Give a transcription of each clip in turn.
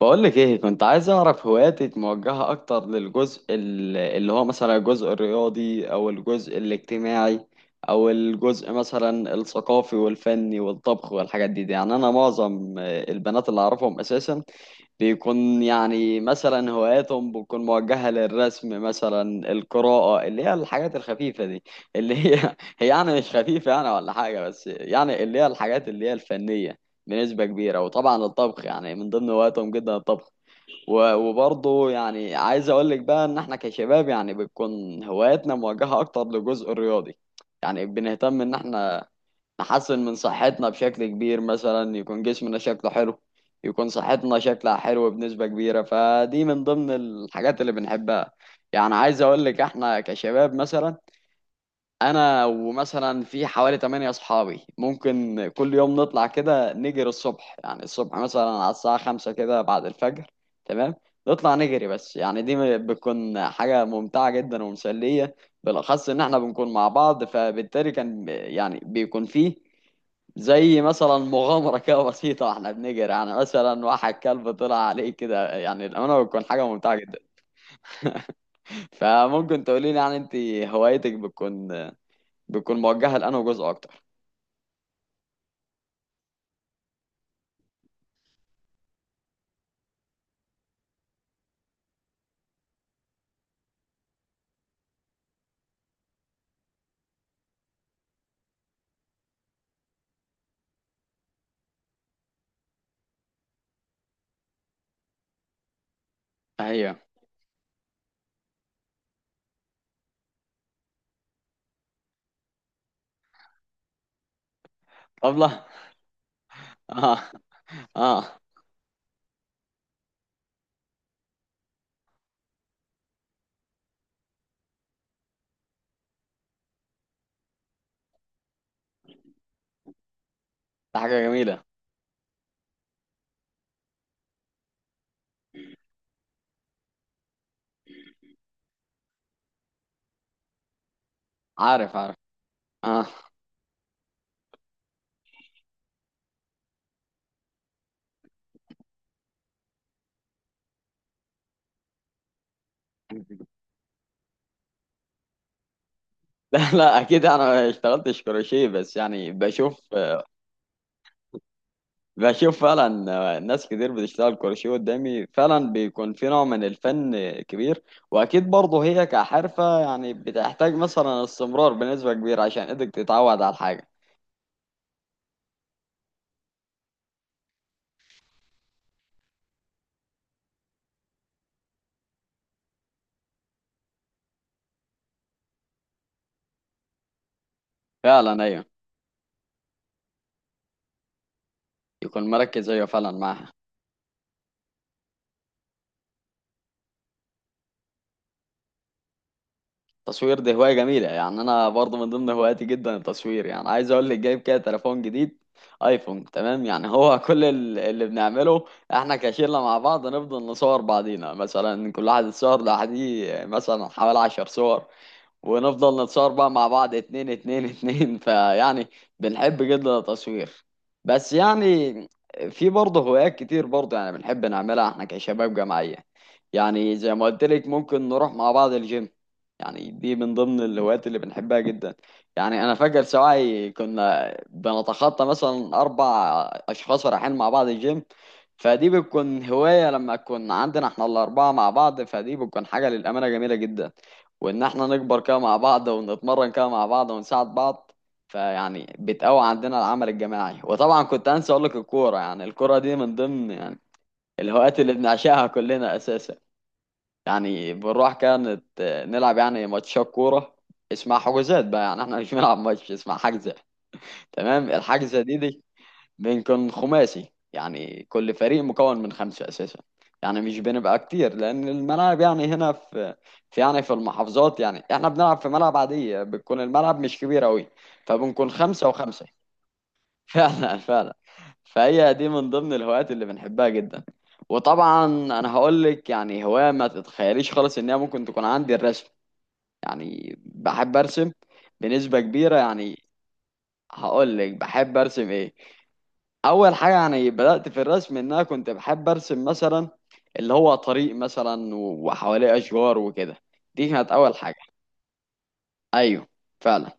بقولك ايه كنت عايز اعرف هواياتك موجهة اكتر للجزء اللي هو مثلا الجزء الرياضي او الجزء الاجتماعي او الجزء مثلا الثقافي والفني والطبخ والحاجات دي. يعني انا معظم البنات اللي اعرفهم اساسا بيكون يعني مثلا هواياتهم بتكون موجهة للرسم مثلا القراءة اللي هي الحاجات الخفيفة دي اللي هي هي يعني مش خفيفة يعني ولا حاجة بس يعني اللي هي الحاجات اللي هي الفنية بنسبة كبيرة. وطبعا الطبخ يعني من ضمن هواياتهم جدا الطبخ. وبرضه يعني عايز اقول لك بقى ان احنا كشباب يعني بتكون هواياتنا موجهة اكتر للجزء الرياضي. يعني بنهتم ان احنا نحسن من صحتنا بشكل كبير مثلا يكون جسمنا شكله حلو، يكون صحتنا شكلها حلو بنسبة كبيرة، فدي من ضمن الحاجات اللي بنحبها. يعني عايز اقول لك احنا كشباب مثلا انا ومثلا في حوالي 8 اصحابي ممكن كل يوم نطلع كده نجري الصبح، يعني الصبح مثلا على الساعة 5 كده بعد الفجر. تمام. نطلع نجري بس يعني دي بتكون حاجة ممتعة جدا ومسلية بالاخص ان احنا بنكون مع بعض، فبالتالي كان يعني بيكون فيه زي مثلا مغامرة كده بسيطة واحنا بنجري، يعني مثلا واحد كلب طلع عليه كده، يعني الأمانة بتكون حاجة ممتعة جدا. فممكن تقولي لي يعني انت هوايتك بتكون موجهة لأنه جزء أكتر؟ أيوه. طبلة. آه. آه. ده حاجة جميلة. عارف عارف. آه لا لا، أكيد أنا ما اشتغلتش كروشيه بس يعني بشوف. بشوف فعلا، ناس كتير بتشتغل كروشيه قدامي فعلا بيكون في نوع من الفن كبير. وأكيد برضه هي كحرفة يعني بتحتاج مثلا استمرار بنسبة كبيرة عشان إيدك تتعود على الحاجة. فعلا أيوه. يكون مركز أيوه فعلا معاها. التصوير دي هواية جميلة، يعني أنا برضو من ضمن هواياتي جدا التصوير. يعني عايز أقول لك جايب كده تليفون جديد، أيفون. تمام يعني هو كل اللي بنعمله إحنا كشلة مع بعض نفضل نصور بعضينا، مثلا كل واحد يتصور لوحده مثلا حوالي 10 صور، ونفضل نتصور بقى مع بعض اتنين اتنين اتنين فيعني بنحب جدا التصوير. بس يعني في برضه هوايات كتير برضه يعني بنحب نعملها احنا كشباب جماعية. يعني زي ما قلت لك ممكن نروح مع بعض الجيم. يعني دي من ضمن الهوايات اللي بنحبها جدا. يعني انا فاكر سواعي كنا بنتخطى مثلا اربع اشخاص رايحين مع بعض الجيم، فدي بتكون هواية لما تكون عندنا احنا الاربعة مع بعض، فدي بتكون حاجة للأمانة جميلة جدا، وان احنا نكبر كده مع بعض ونتمرن كده مع بعض ونساعد بعض، فيعني بتقوي عندنا العمل الجماعي. وطبعا كنت انسى اقول لك الكوره، يعني الكوره دي من ضمن يعني الهوايات اللي بنعشقها كلنا اساسا. يعني بنروح كانت نلعب يعني ماتشات كوره اسمها حجوزات. بقى يعني احنا مش بنلعب ماتش، اسمها حجزه. تمام. الحجزه دي بنكون خماسي يعني كل فريق مكون من خمسة أساسا. يعني مش بنبقى كتير لأن الملاعب يعني هنا في يعني في المحافظات، يعني احنا بنلعب في ملعب عادية، بتكون الملعب مش كبير أوي فبنكون خمسة وخمسة. فعلا فعلا. فهي دي من ضمن الهوايات اللي بنحبها جدا. وطبعا أنا هقول لك يعني هواية ما تتخيليش خالص إن هي ممكن تكون عندي، الرسم. يعني بحب أرسم بنسبة كبيرة. يعني هقول لك بحب أرسم إيه. اول حاجه يعني بدات في الرسم ان انا كنت بحب ارسم مثلا اللي هو طريق مثلا وحواليه اشجار وكده. دي كانت اول حاجه. ايوه فعلا.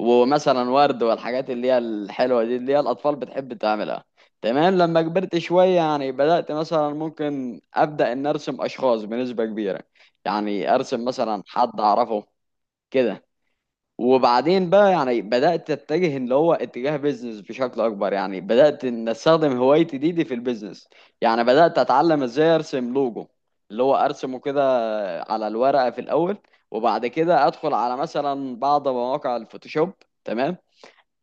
ومثلا ورد والحاجات اللي هي الحلوه دي اللي هي الاطفال بتحب تعملها. تمام. لما كبرت شويه يعني بدات مثلا ممكن ابدا ان ارسم اشخاص بنسبه كبيره، يعني ارسم مثلا حد اعرفه كده. وبعدين بقى يعني بدأت اتجه اللي هو اتجاه بيزنس بشكل اكبر، يعني بدأت ان استخدم هوايتي دي في البيزنس. يعني بدأت اتعلم ازاي ارسم لوجو، اللي هو ارسمه كده على الورقة في الاول وبعد كده ادخل على مثلا بعض مواقع الفوتوشوب. تمام.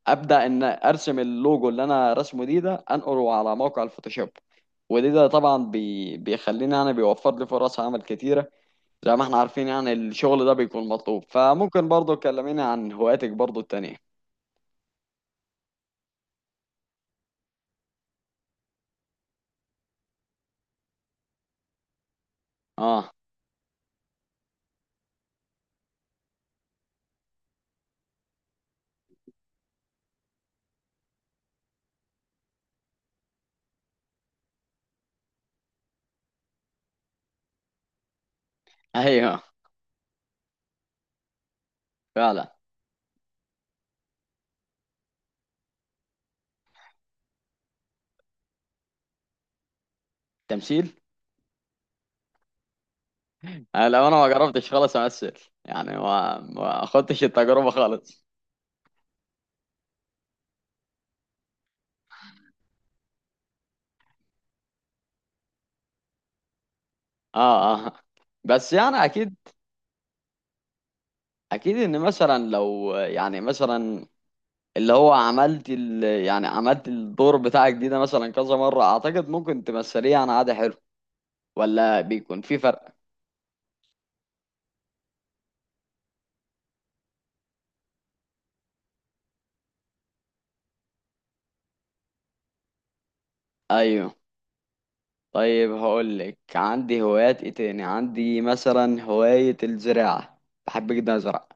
ابدأ ان ارسم اللوجو اللي انا رسمه دي ده انقله على موقع الفوتوشوب. ودي ده طبعا بيخليني انا، بيوفر لي فرص عمل كتيرة زي ما احنا عارفين، يعني الشغل ده بيكون مطلوب. فممكن برضه تكلميني عن هواياتك برضه التانية؟ اه. ايوه فعلا. تمثيل؟ آه لو انا ما جربتش خالص امثل، يعني ما خدتش التجربة خالص. اه اه. بس يعني اكيد. اكيد ان مثلا لو يعني مثلا اللي هو عملت ال يعني عملت الدور بتاعك ده مثلا كذا مرة اعتقد ممكن تمثليه يعني عادي حلو، ولا بيكون في فرق؟ ايوه. طيب هقولك عندي هوايات ايه تاني. عندي مثلا هواية الزراعة، بحب جدا ازرع.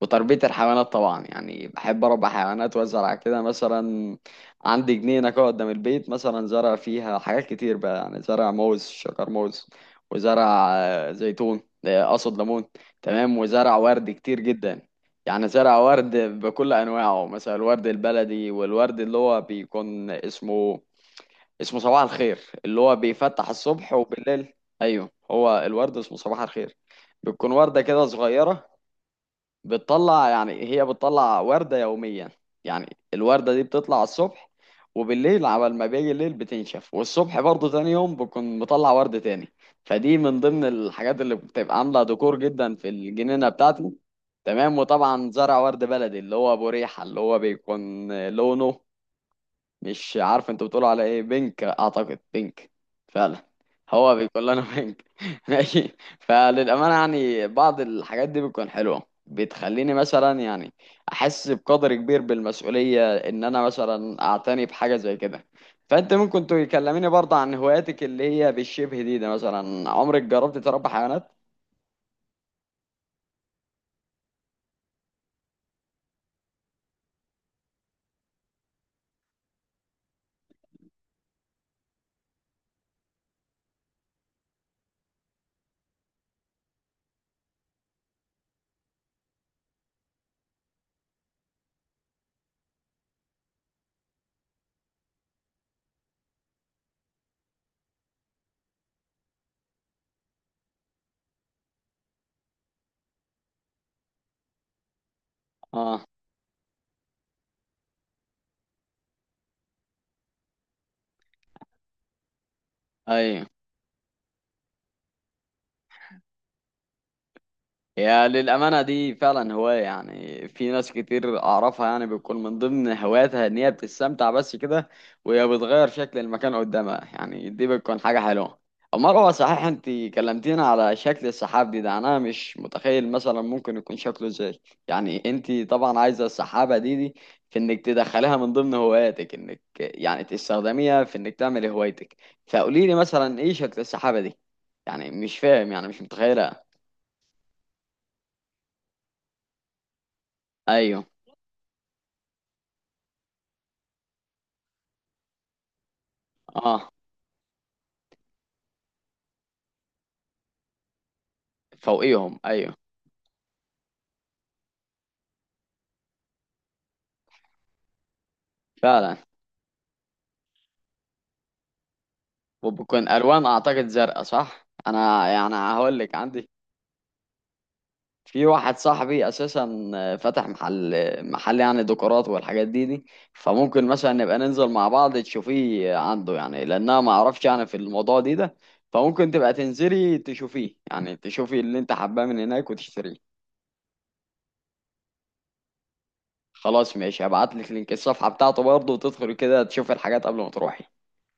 وتربية الحيوانات طبعا يعني بحب اربي حيوانات وازرع كده. مثلا عندي جنينة كده قدام البيت، مثلا زرع فيها حاجات كتير بقى، يعني زرع موز شجر موز، وزرع زيتون، اقصد ليمون. تمام. وزرع ورد كتير جدا، يعني زرع ورد بكل انواعه، مثلا الورد البلدي والورد اللي هو بيكون اسمه صباح الخير اللي هو بيفتح الصبح وبالليل. ايوه هو الورد اسمه صباح الخير. بتكون وردة كده صغيرة بتطلع، يعني هي بتطلع وردة يوميا. يعني الوردة دي بتطلع الصبح، وبالليل عبال ما بيجي الليل بتنشف، والصبح برضه تاني يوم بكون مطلع ورد تاني. فدي من ضمن الحاجات اللي بتبقى عاملة ديكور جدا في الجنينة بتاعتي. تمام. وطبعا زرع ورد بلدي اللي هو ابو ريحة، اللي هو بيكون لونه مش عارف انت بتقول على ايه، بينك اعتقد بينك. فعلا هو بيقول لنا بينك ماشي. فللامانه يعني بعض الحاجات دي بتكون حلوه بتخليني مثلا يعني احس بقدر كبير بالمسؤوليه ان انا مثلا اعتني بحاجه زي كده. فانت ممكن تكلميني برضه عن هواياتك اللي هي بالشبه دي مثلا؟ عمرك جربت تربي حيوانات؟ اه. ايوه هي للأمانة دي فعلا هواية، يعني في ناس كتير أعرفها يعني بيكون من ضمن هواياتها إن هي بتستمتع بس كده، وهي بتغير شكل المكان قدامها، يعني دي بتكون حاجة حلوة. أمال هو صحيح، أنت كلمتينا على شكل السحاب ده أنا مش متخيل مثلا ممكن يكون شكله إزاي. يعني أنت طبعا عايزة السحابة دي في إنك تدخليها من ضمن هواياتك، إنك يعني تستخدميها في إنك تعملي هوايتك. فقوليلي مثلا إيه شكل السحابة دي؟ يعني مش فاهم يعني مش متخيلها. أيوه. أه. فوقيهم ايوه. فعلا. وبكون الوان اعتقد زرقاء، صح؟ انا يعني هقول لك عندي في واحد صاحبي اساسا فتح محل، محل يعني ديكورات والحاجات دي. فممكن مثلا نبقى ننزل مع بعض تشوفيه عنده، يعني لانها ما اعرفش يعني في الموضوع ده. فممكن تبقى تنزلي تشوفيه يعني، تشوفي اللي انت حباه من هناك وتشتريه. خلاص ماشي. هبعت لك لينك الصفحة بتاعته برضه وتدخلي كده تشوفي الحاجات قبل ما تروحي.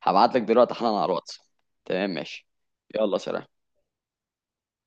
هبعت لك دلوقتي حالا على الواتس. تمام ماشي. يلا سلام.